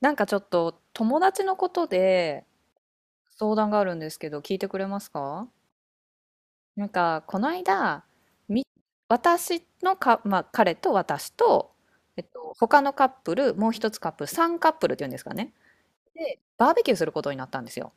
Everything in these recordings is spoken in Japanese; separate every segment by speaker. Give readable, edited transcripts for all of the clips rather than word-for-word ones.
Speaker 1: なんかちょっと友達のことで相談があるんですけど、聞いてくれますか？なんか、この間、み、私のか、まあ、彼と私と、他のカップル、もう一つカップル、3カップルっていうんですかね。で、バーベキューすることになったんですよ。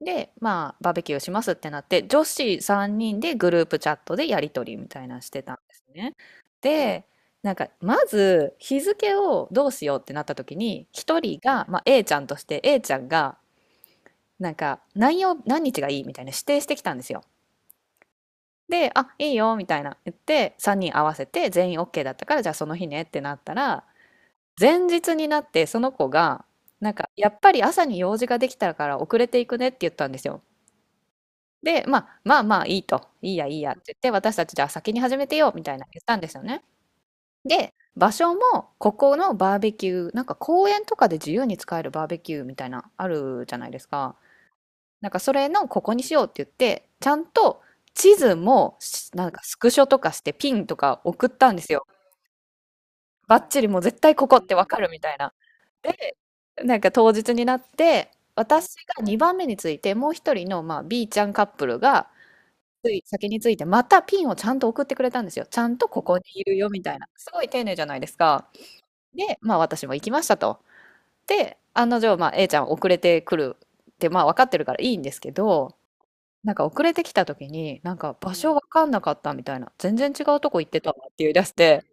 Speaker 1: で、まあ、バーベキューしますってなって、女子3人でグループチャットでやりとりみたいなのしてたんですね。で、なんかまず日付をどうしようってなった時に一人が、まあ、A ちゃんとして、 A ちゃんがなんか何曜何日がいいみたいな指定してきたんですよ。で、あ、いいよみたいな言って3人合わせて全員 OK だったから、じゃあその日ねってなったら、前日になってその子がなんかやっぱり朝に用事ができたから遅れていくねって言ったんですよ。で、まあまあまあいいと、いいやいいやって言って、私たちじゃあ先に始めてよみたいな言ったんですよね。で、場所もここのバーベキュー、なんか公園とかで自由に使えるバーベキューみたいなあるじゃないですか。なんかそれのここにしようって言って、ちゃんと地図もしなんかスクショとかしてピンとか送ったんですよ。バッチリもう絶対ここってわかるみたいな。で、なんか当日になって、私が2番目について、もう一人の、まあ、B ちゃんカップルが、つい先について、またピンをちゃんと送ってくれたんですよ。ちゃんとここにいるよみたいな。すごい丁寧じゃないですか。で、まあ私も行きましたと。で、案の定、まあ A ちゃん遅れてくるって、まあ分かってるからいいんですけど、なんか遅れてきた時に、なんか場所わかんなかったみたいな、全然違うとこ行ってたわって言い出して、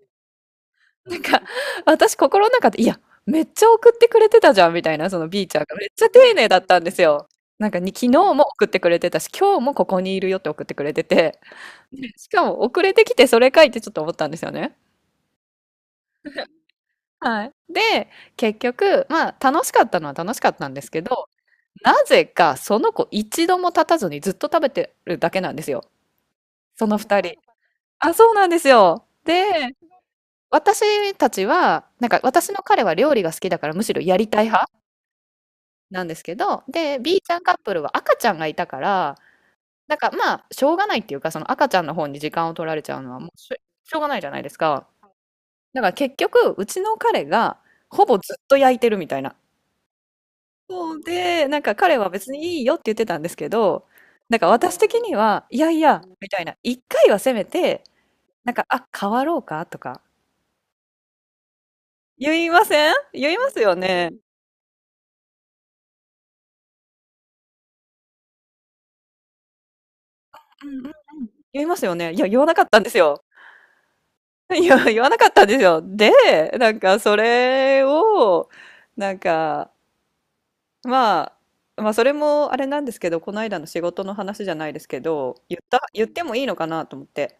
Speaker 1: なんか私心の中で、いや、めっちゃ送ってくれてたじゃんみたいな、その B ちゃんがめっちゃ丁寧だったんですよ。なんかに昨日も送ってくれてたし、今日もここにいるよって送ってくれてて、しかも遅れてきて、それかいってちょっと思ったんですよね。はい。で、結局、まあ楽しかったのは楽しかったんですけど、なぜかその子一度も立たずにずっと食べてるだけなんですよ。その二人。あ、そうなんですよ。で、私たちは、なんか私の彼は料理が好きだからむしろやりたい派なんですけど、で、B ちゃんカップルは赤ちゃんがいたから、なんかまあ、しょうがないっていうか、その赤ちゃんの方に時間を取られちゃうのはもうしょうがないじゃないですか。だから結局、うちの彼がほぼずっと焼いてるみたいな。そうで、なんか彼は別にいいよって言ってたんですけど、なんか私的には、いやいや、みたいな、一回はせめて、なんか、あ、変わろうかとか、言いません？言いますよね。うんうん。言いますよね。いや、言わなかったんですよ。いや、言わなかったんですよ。で、なんかそれを、なんか、ままあそれもあれなんですけど、この間の仕事の話じゃないですけど、言ってもいいのかなと思って。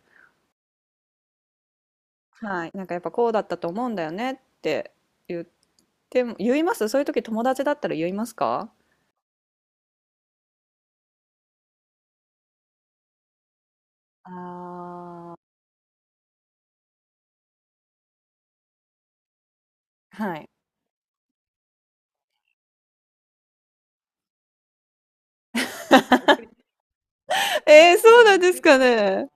Speaker 1: はい。なんかやっぱこうだったと思うんだよねって言っても、言います、そういう時友達だったら言いますか？ああー。はい。えー、そうなんですかね。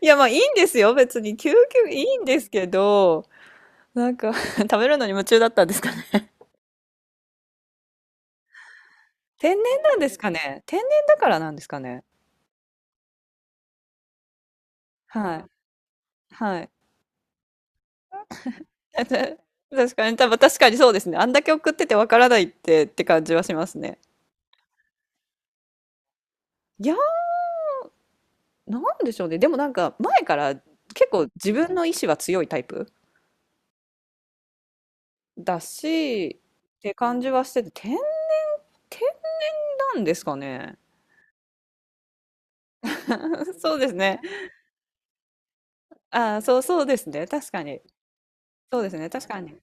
Speaker 1: いや、まあいいんですよ。別に。究極いいんですけど、なんか 食べるのに夢中だったんですかね。天然なんですかね。天然だからなんですかね。はい。はい。確かに、多分確かにそうですね。あんだけ送っててわからないってって感じはしますね。いや、なんでしょうね。でもなんか前から結構自分の意志は強いタイプだし、って感じはしてて、天然なんですかね。そうですね。ああ、そうそうですね。確かに。そうですね。確かに。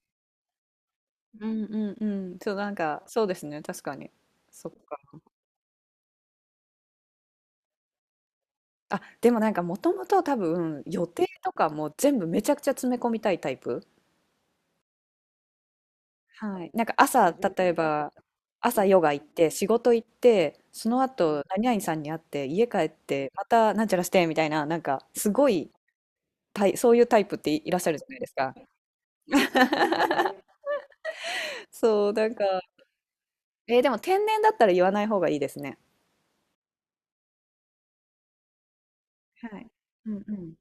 Speaker 1: うんうんうん、そう、なんか、そうですね、確かに。そっか。あ、でもなんか、もともと多分、予定とかも全部めちゃくちゃ詰め込みたいタイプ。はい。なんか、朝、例えば、朝ヨガ行って、仕事行って、その後、何々さんに会って、家帰って、また、なんちゃらして、みたいな、なんか、すごい、そういうタイプっていらっしゃるじゃないですか。そう、なんか、えーでも、天然だったら言わない方がいいですね。はい。うんうん。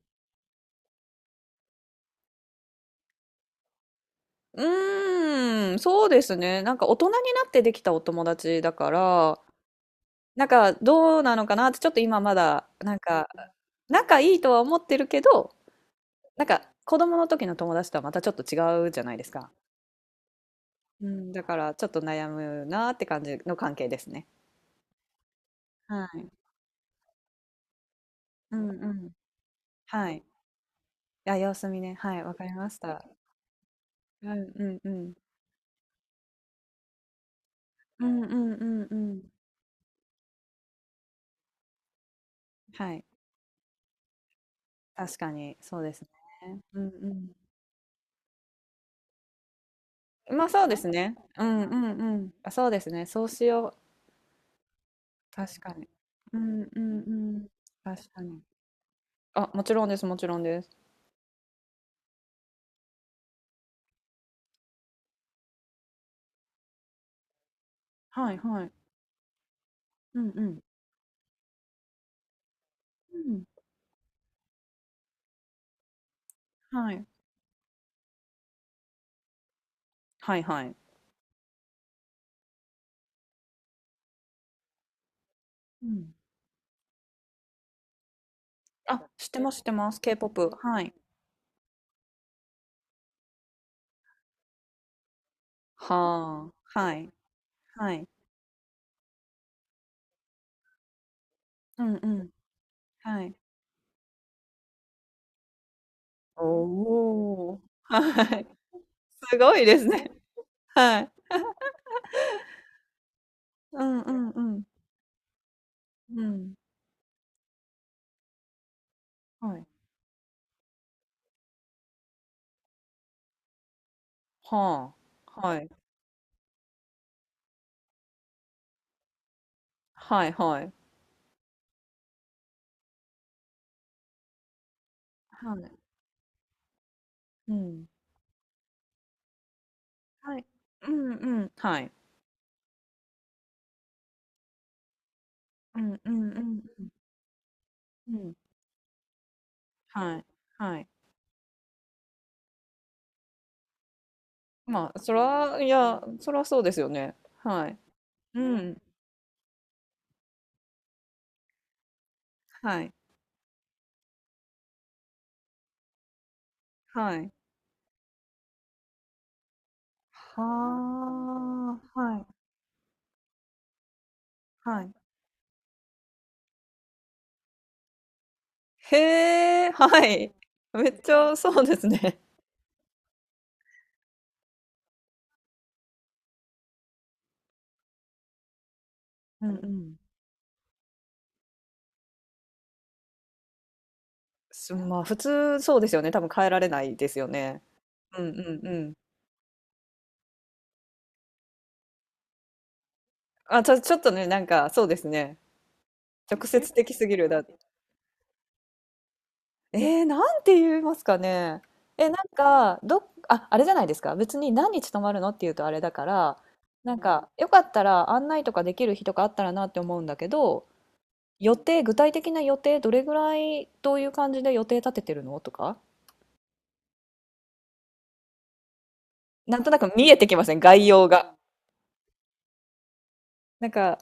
Speaker 1: うーん、そうですね。なんか大人になってできたお友達だから、なんかどうなのかなってちょっと今まだ、なんか仲いいとは思ってるけど、なんか子供の時の友達とはまたちょっと違うじゃないですか。うん、だからちょっと悩むなって感じの関係ですね。はい。うんうん。はい。あ、様子見ね。はい、わかりました。うんうんうん。うんうんうんうん。はい。確かに、そうですね。うんうん。まあそうですね。うんうんうん。あ、そうですね。そうしよう。確かに。うんうんうん。確かに。あ、もちろんです、もちろんです。はいはい。うんうん。うん。はい。はいはい。うん。あ、知ってます、知ってます。K-POP。はい。はあ。はい。はい。うんうん。はい。おお。はい。すごいですね。はい。うんうんうん。うん。はい。はあ。はい。はいはい。はい。うん。はい。うんうん、はい。うんうんうんうん。はい。はい。まあ、そら、いや、そらそうですよね。はい。うん。はい。はい。はあ、はい。はい。へえ、はい。めっちゃそうですね。うんうん。すまあ、普通そうですよね。多分変えられないですよね。うんうんうん。あ、ちょ、ちょっとね、なんかそうですね。直接的すぎる。えー、なんて言いますかね。え、なんか、あ、あれじゃないですか。別に何日泊まるのって言うとあれだから、なんか、よかったら案内とかできる日とかあったらなって思うんだけど、予定、具体的な予定、どれぐらい、どういう感じで予定立ててるのとか、なんとなく見えてきません、概要が。なんか、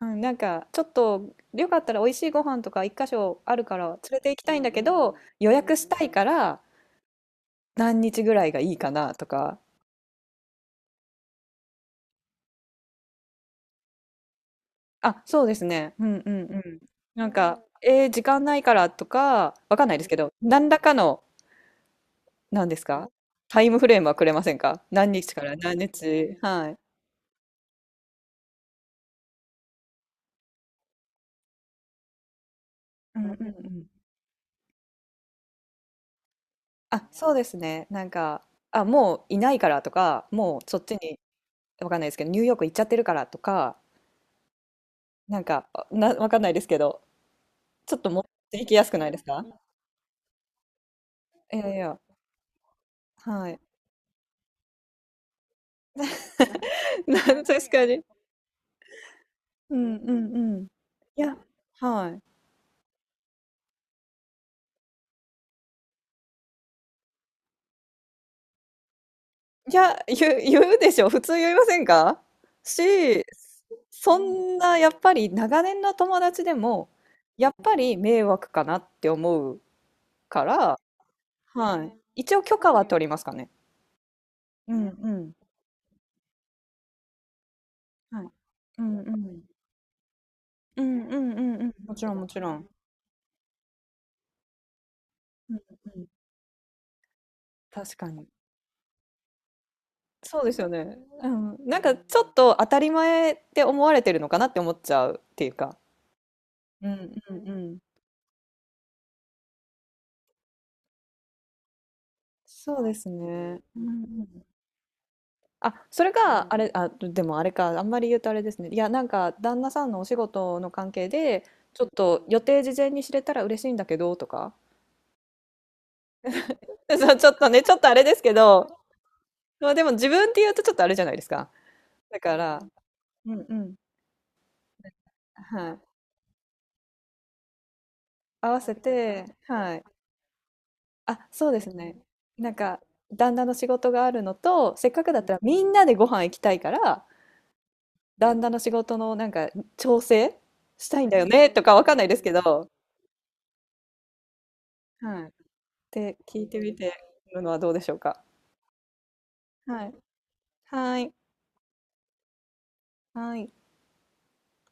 Speaker 1: うん、なんか、ちょっと、よかったら美味しいご飯とか一箇所あるから連れて行きたいんだけど、予約したいから何日ぐらいがいいかなとか、あ、そうですね。うんうんうん。なんか、えー時間ないからとか、わかんないですけど、何らかの、何ですか、タイムフレームはくれませんか、何日から何日。ねはい。うんうんうん。あ、そうですね。なんか、あ、もういないからとか、もうそっちに、わかんないですけど、ニューヨーク行っちゃってるからとか、なんか、な、わかんないですけど、ちょっと持って行きやすくないですか？いやいや、はい。な確かに。うんうんうん。いや、はい。いや、言う、言うでしょ。普通言いませんか？し、そんな、やっぱり長年の友達でも、やっぱり迷惑かなって思うから、はい。一応許可は取りますかね。うんうん。はい。うんうん。うんうんうんうん。もちろんもちろん。うんうん。確かに。そうですよね。うん。なんかちょっと当たり前って思われてるのかなって思っちゃうっていうか。うんうんうん。そうですね。うんうん。あ、それうが、あん。れ、あ、でもあれか、あんまり言うとあれですね。いや、なんか、旦那さんのお仕事の関係で、ちょっと予定事前に知れたら嬉しいんだけど、とか。そう、ちょっとね、ちょっとあれですけど、まあでも自分って言うとちょっとあれじゃないですか。だから、うんうん。はい。合わせて、はい。あ、そうですね。なんか、旦那の仕事があるのと、せっかくだったらみんなでご飯行きたいから、旦那の仕事のなんか、調整したいんだよね、とかわかんないですけど、はい。て聞いてみてるのはどうでしょうか。はい。はい。はい。